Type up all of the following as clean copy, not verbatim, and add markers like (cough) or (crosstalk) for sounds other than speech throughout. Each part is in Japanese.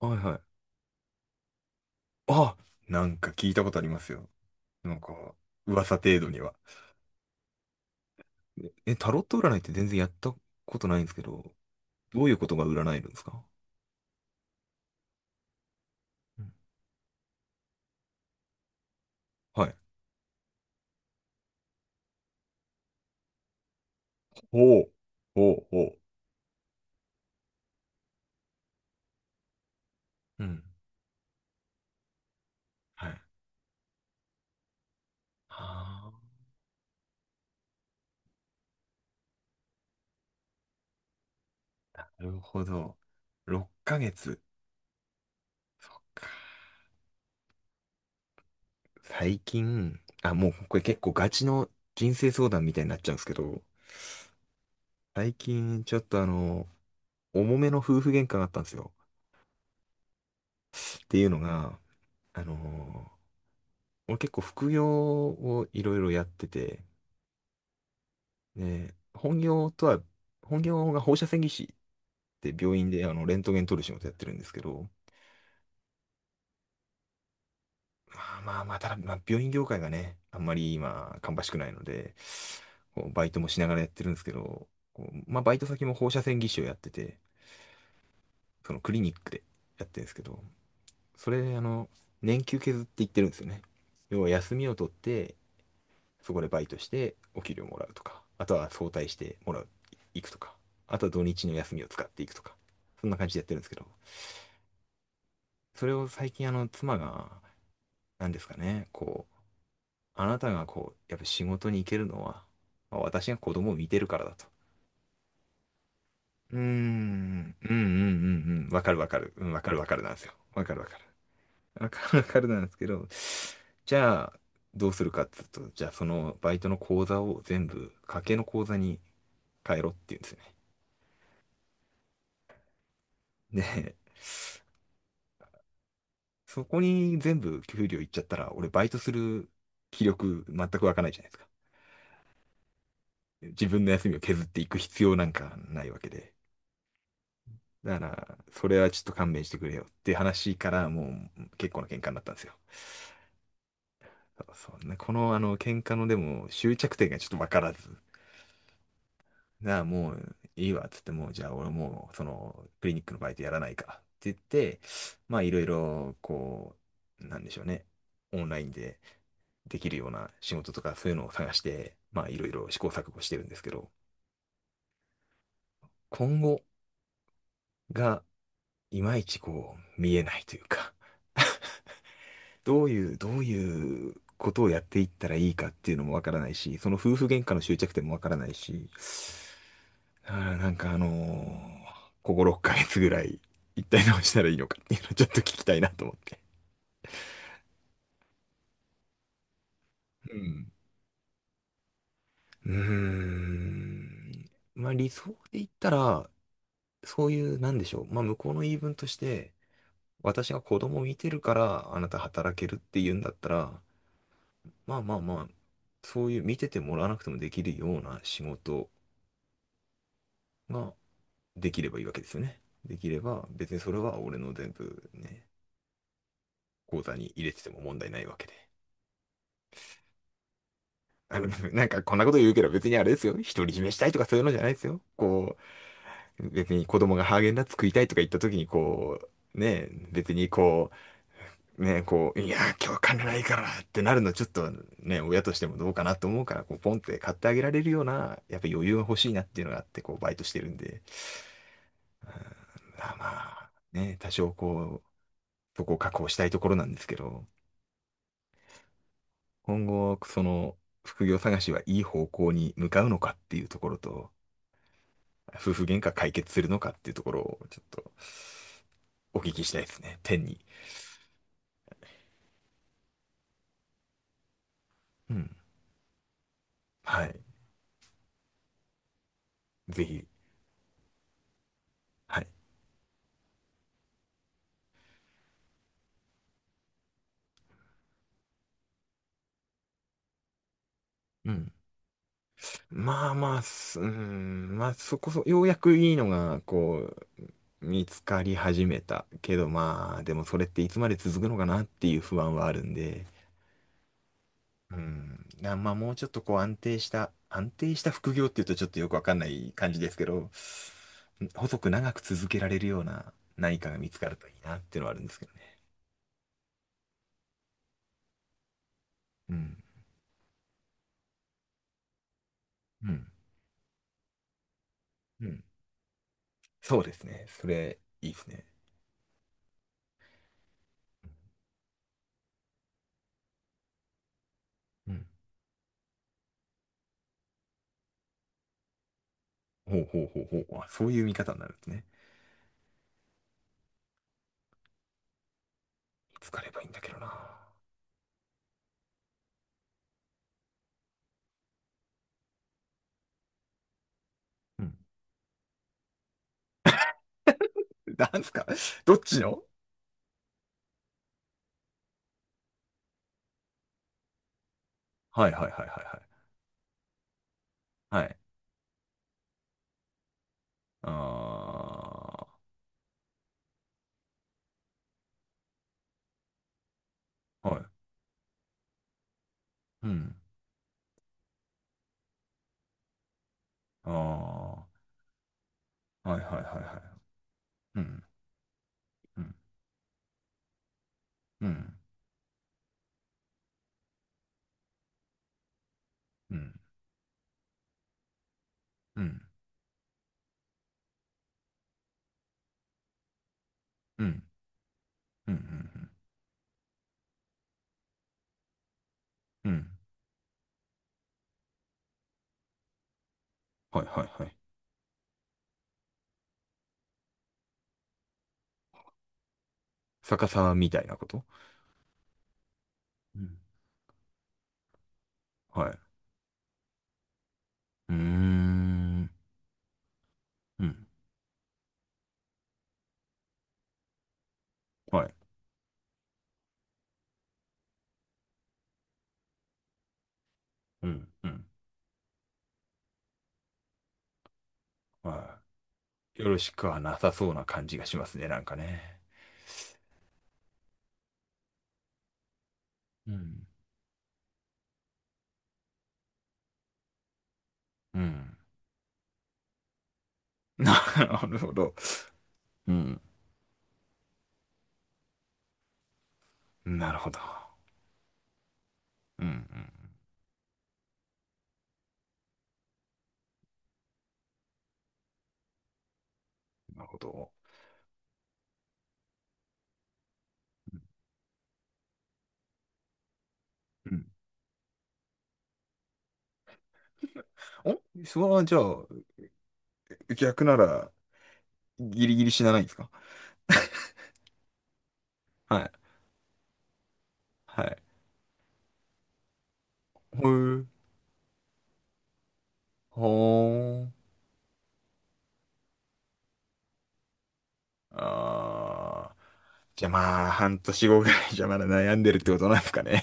はいはい。あ、なんか聞いたことありますよ。なんか、噂程度には。タロット占いって全然やったことないんですけど、どういうことが占えるんですか？うん。はい。ほう、ほう。うん。はい。ああ、なるほど。6ヶ月。最近、あ、もうこれ結構ガチの人生相談みたいになっちゃうんですけど、最近ちょっと重めの夫婦喧嘩があったんですよ。っていうのが、あのー俺結構副業をいろいろやってて、ね、本業とは、本業が放射線技師って病院であのレントゲン撮る仕事やってるんですけど、まあ、ただ、まあ、病院業界がね、あんまり今、芳しくないので、こうバイトもしながらやってるんですけど、こうまあバイト先も放射線技師をやってて、そのクリニックでやってるんですけど、それ、あの、年休削って言ってるんですよね。要は休みを取ってそこでバイトしてお給料もらうとか、あとは早退してもらう、行くとか、あとは土日の休みを使っていくとか、そんな感じでやってるんですけど、それを最近あの妻が、何ですかね、こう、あなたがこう、やっぱ仕事に行けるのは、まあ私が子供を見てるからだと。うーん、うん、わかる、うん、わかるなんですよ。わかる。わかるなんですけど、じゃあ、どうするかっつうと、じゃあそのバイトの口座を全部、家計の口座に変えろっていうんですよね。ねえ、(laughs) そこに全部給料いっちゃったら、俺バイトする気力全く湧かないじゃないですか。自分の休みを削っていく必要なんかないわけで。だから、それはちょっと勘弁してくれよって話からもう結構な喧嘩になったんですよ。そうね、このあの喧嘩のでも終着点がちょっとわからず。なあ、もういいわ、っつって、もう、じゃあ俺もう、その、クリニックのバイトやらないから、って言って、まあ、いろいろ、こう、なんでしょうね、オンラインでできるような仕事とか、そういうのを探して、まあ、いろいろ試行錯誤してるんですけど、今後が、いまいちこう、見えないというか、どういうことをやっていったらいいかっていうのもわからないし、その夫婦喧嘩の終着点もわからないし、だからなんかここ6ヶ月ぐらい、一体どうしたらいいのかっていうのを (laughs) ちょっと聞きたいなと思って。うん。うーん。まあ理想で言ったら、そういう、なんでしょう。まあ向こうの言い分として、私が子供を見てるからあなた働けるって言うんだったら、まあ、そういう見ててもらわなくてもできるような仕事ができればいいわけですよね。できれば、別にそれは俺の全部ね、口座に入れてても問題ないわけで。あの、なんかこんなこと言うけど別にあれですよ。独り占めしたいとかそういうのじゃないですよ。こう、別に子供がハーゲンダッツ食いたいとか言った時にこう、ね、別にこう、ね、こう、いや、今日金ないからってなるのちょっとね、親としてもどうかなと思うから、こう、ポンって買ってあげられるような、やっぱ余裕が欲しいなっていうのがあって、こう、バイトしてるんで。うん。まあまあ、ね、多少こう、そこを確保したいところなんですけど、今後、その、副業探しはいい方向に向かうのかっていうところと、夫婦喧嘩解決するのかっていうところをちょっとお聞きしたいですね。天に。うん。はい。ぜひ。はい。うん。まあ、すうーん、まあそこそ、ようやくいいのが、こう、見つかり始めた。けどまあ、でもそれっていつまで続くのかなっていう不安はあるんで、うん、なまあもうちょっとこう安定した副業っていうとちょっとよくわかんない感じですけど、細く長く続けられるような何かが見つかるといいなっていうのはあるんですけどね。うん。うん。うん。そうですね。それ、いいですね。うん。ほう。あ、そういう見方になるんですね。疲ればいいんだけどな。うん。なんすか (laughs) どっちの。はい。はい。あー、はい。うん。あー、はい。うん。うん。うん。うん。うん。うん。うん。うん。うん。はいはいはい。逆さまみたいなこと。うん。はい。うーん。うん。はい。うん。うん。はい。よろしくはなさそうな感じがしますね、なんかね。うん。うん。(laughs) なるほど。うん。なるほど。うん、うん。なるほど。うん。お、それはじゃあ、逆なら、ギリギリ死なないんですか？はい。はい。ほう。ほう。あー。じゃあまあ、半年後ぐらいじゃまだ悩んでるってことなんですかね。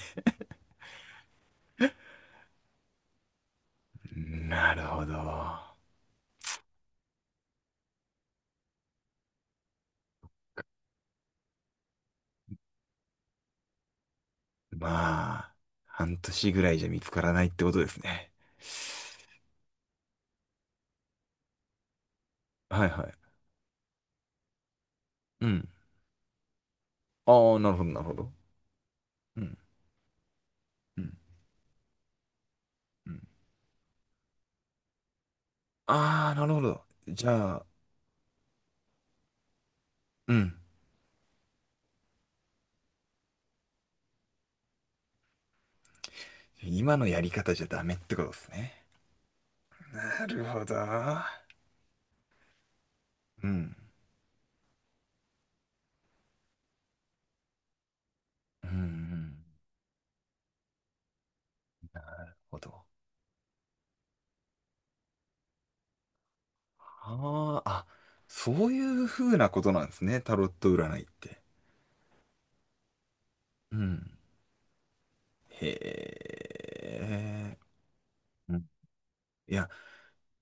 なるほど。まあ、半年ぐらいじゃ見つからないってことですね。はいはい。うん。ああ、なるほど。うん、うん、うん。ああ、なるほど。じゃあ、うん。今のやり方じゃダメってことですね。なるほど。うん、うん、うん。なるほど。ああ、あ、そういうふうなことなんですね。タロット占いって。うん。へえ。うん。いや、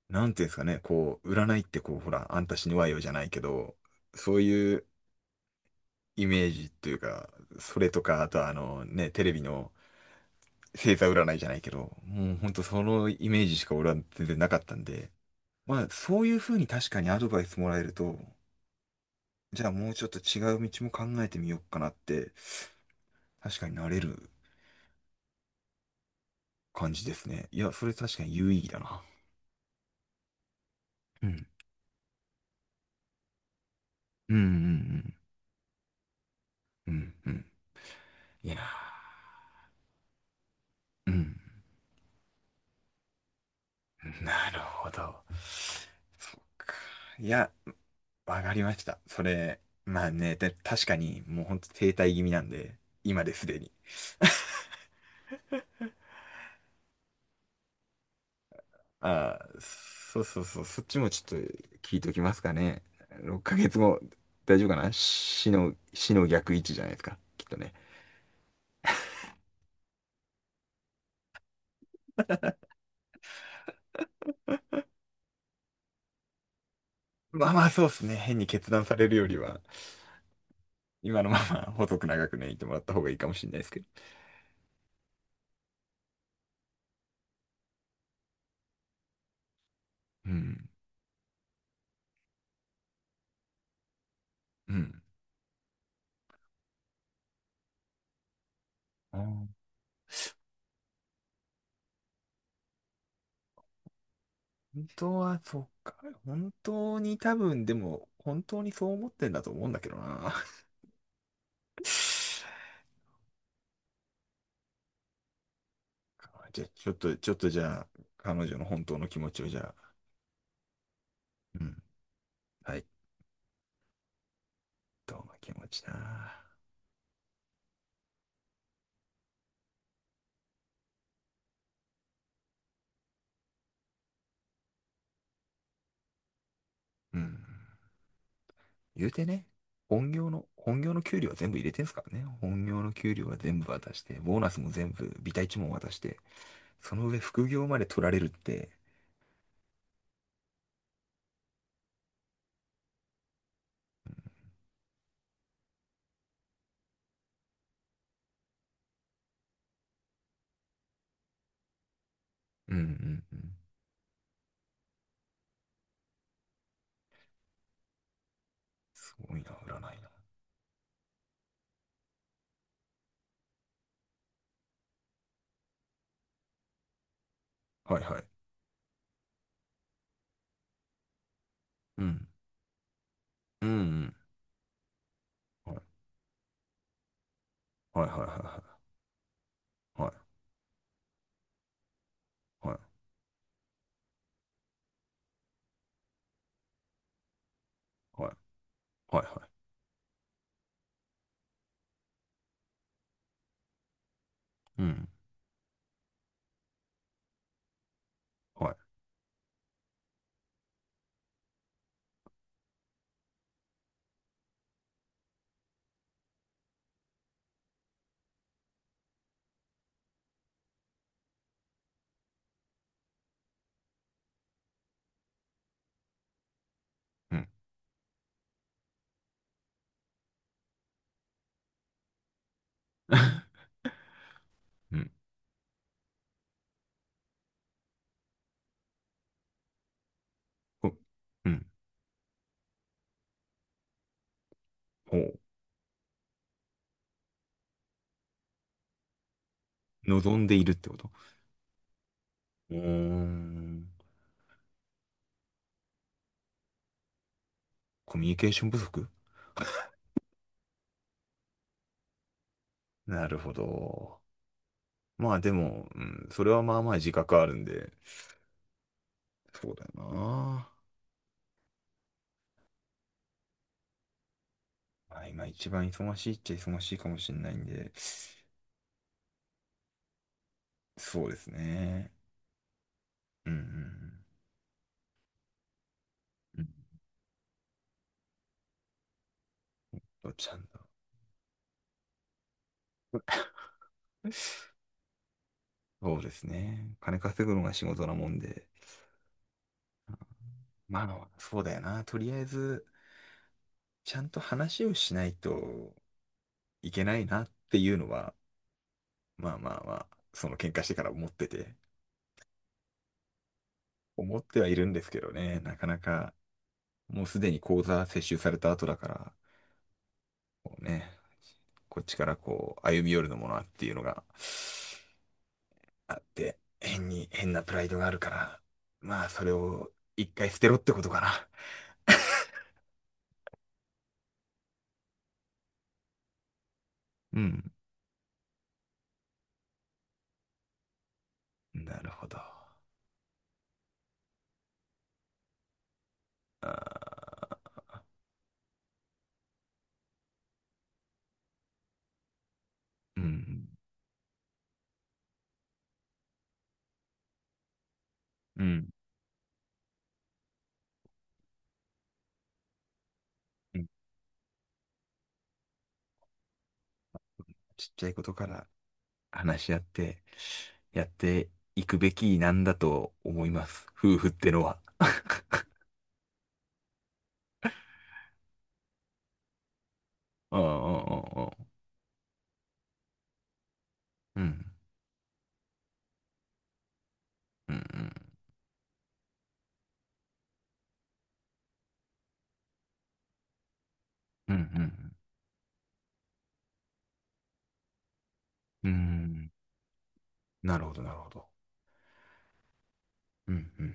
なんていうんですかね、こう、占いってこう、ほら、あんた死ぬわよじゃないけど、そういうイメージというか、それとか、あとはあのね、テレビの、星座占いじゃないけど、もうほんとそのイメージしか俺は全然なかったんで、まあそういう風に確かにアドバイスもらえると、じゃあもうちょっと違う道も考えてみようかなって、確かになれる感じですね。いや、それ確かに有意義だな。うん。うんうんうんうん。うんうん。いやー、うん。なるほど。そっか。いや、わかりました。それ、まあね、で確かにもうほんと停滞気味なんで、今ですでに。ああ、そう、そっちもちょっと聞いときますかね。6ヶ月後、大丈夫かな死の、死の逆位置じゃないですか、きっとね。まあ、そうですね。変に決断されるよりは、今のまま細く長くね、いてもらった方がいいかもしれないですけど。うん、うん。あー、本当は、そっか。本当に多分、でも、本当にそう思ってんだと思うんだけどな。(laughs) じゃあ、ちょっとじゃあ、彼女の本当の気持ちをじゃあ、うん。はい、どんな気持ちだ。うん。言うてね、本業の給料は全部入れてんすからね。本業の給料は全部渡して、ボーナスも全部、ビタ一文渡して、その上副業まで取られるって、うんうんうん。すごいな、占いな。はいはい。うん。うんうん。はいはいはいはいはい。はいはいはいはいはい。うん。はい。うん。(laughs) うん。ほう。ん。ほう。望んでいるってこと。うーん。コミュニケーション不足。なるほど。まあでも、うん、それはまあまあ自覚あるんで、そうだよな。まあ、今一番忙しいっちゃ忙しいかもしれないんで、そうですね。うんうんうん。うん。どっちなんだ。そうですね。金稼ぐのが仕事なもんで。まあ、そうだよな。とりあえず、ちゃんと話をしないといけないなっていうのは、まあ、その喧嘩してから思ってて、思ってはいるんですけどね。なかなか、もうすでに口座接収された後だから、こうね、こっちからこう、歩み寄るのもなっていうのがあって、変に、変なプライドがあるから、まあ、それを一回捨てろってことかな。うん。なるほど。うん。うん。うん。ちっちゃいことから話し合って、やっていくべきなんだと思います。夫婦ってのは。(laughs) うんうんうんうんうんうんうんうんうんうん。なるほど。うんうんうん。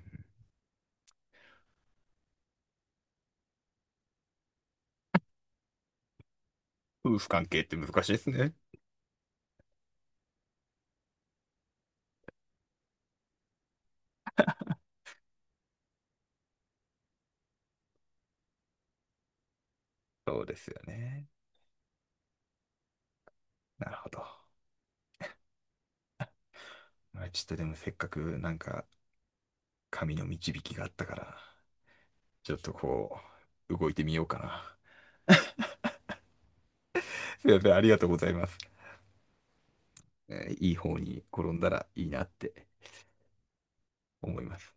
夫婦関係って難しいですね。そうですよね。なるほど。まあ、ちょっとでもせっかくなんか神の導きがあったから、ちょっとこう、動いてみようかな。(laughs) すいません、ありがとうございます。えーいい方に転んだらいいなって思います。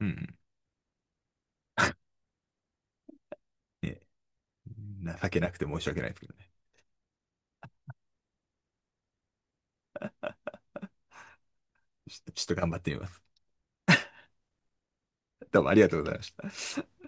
うんうん。ね、情けなくて申し訳ないですけどね。ちょちょっと頑張ってみます。どうもありがとうございました。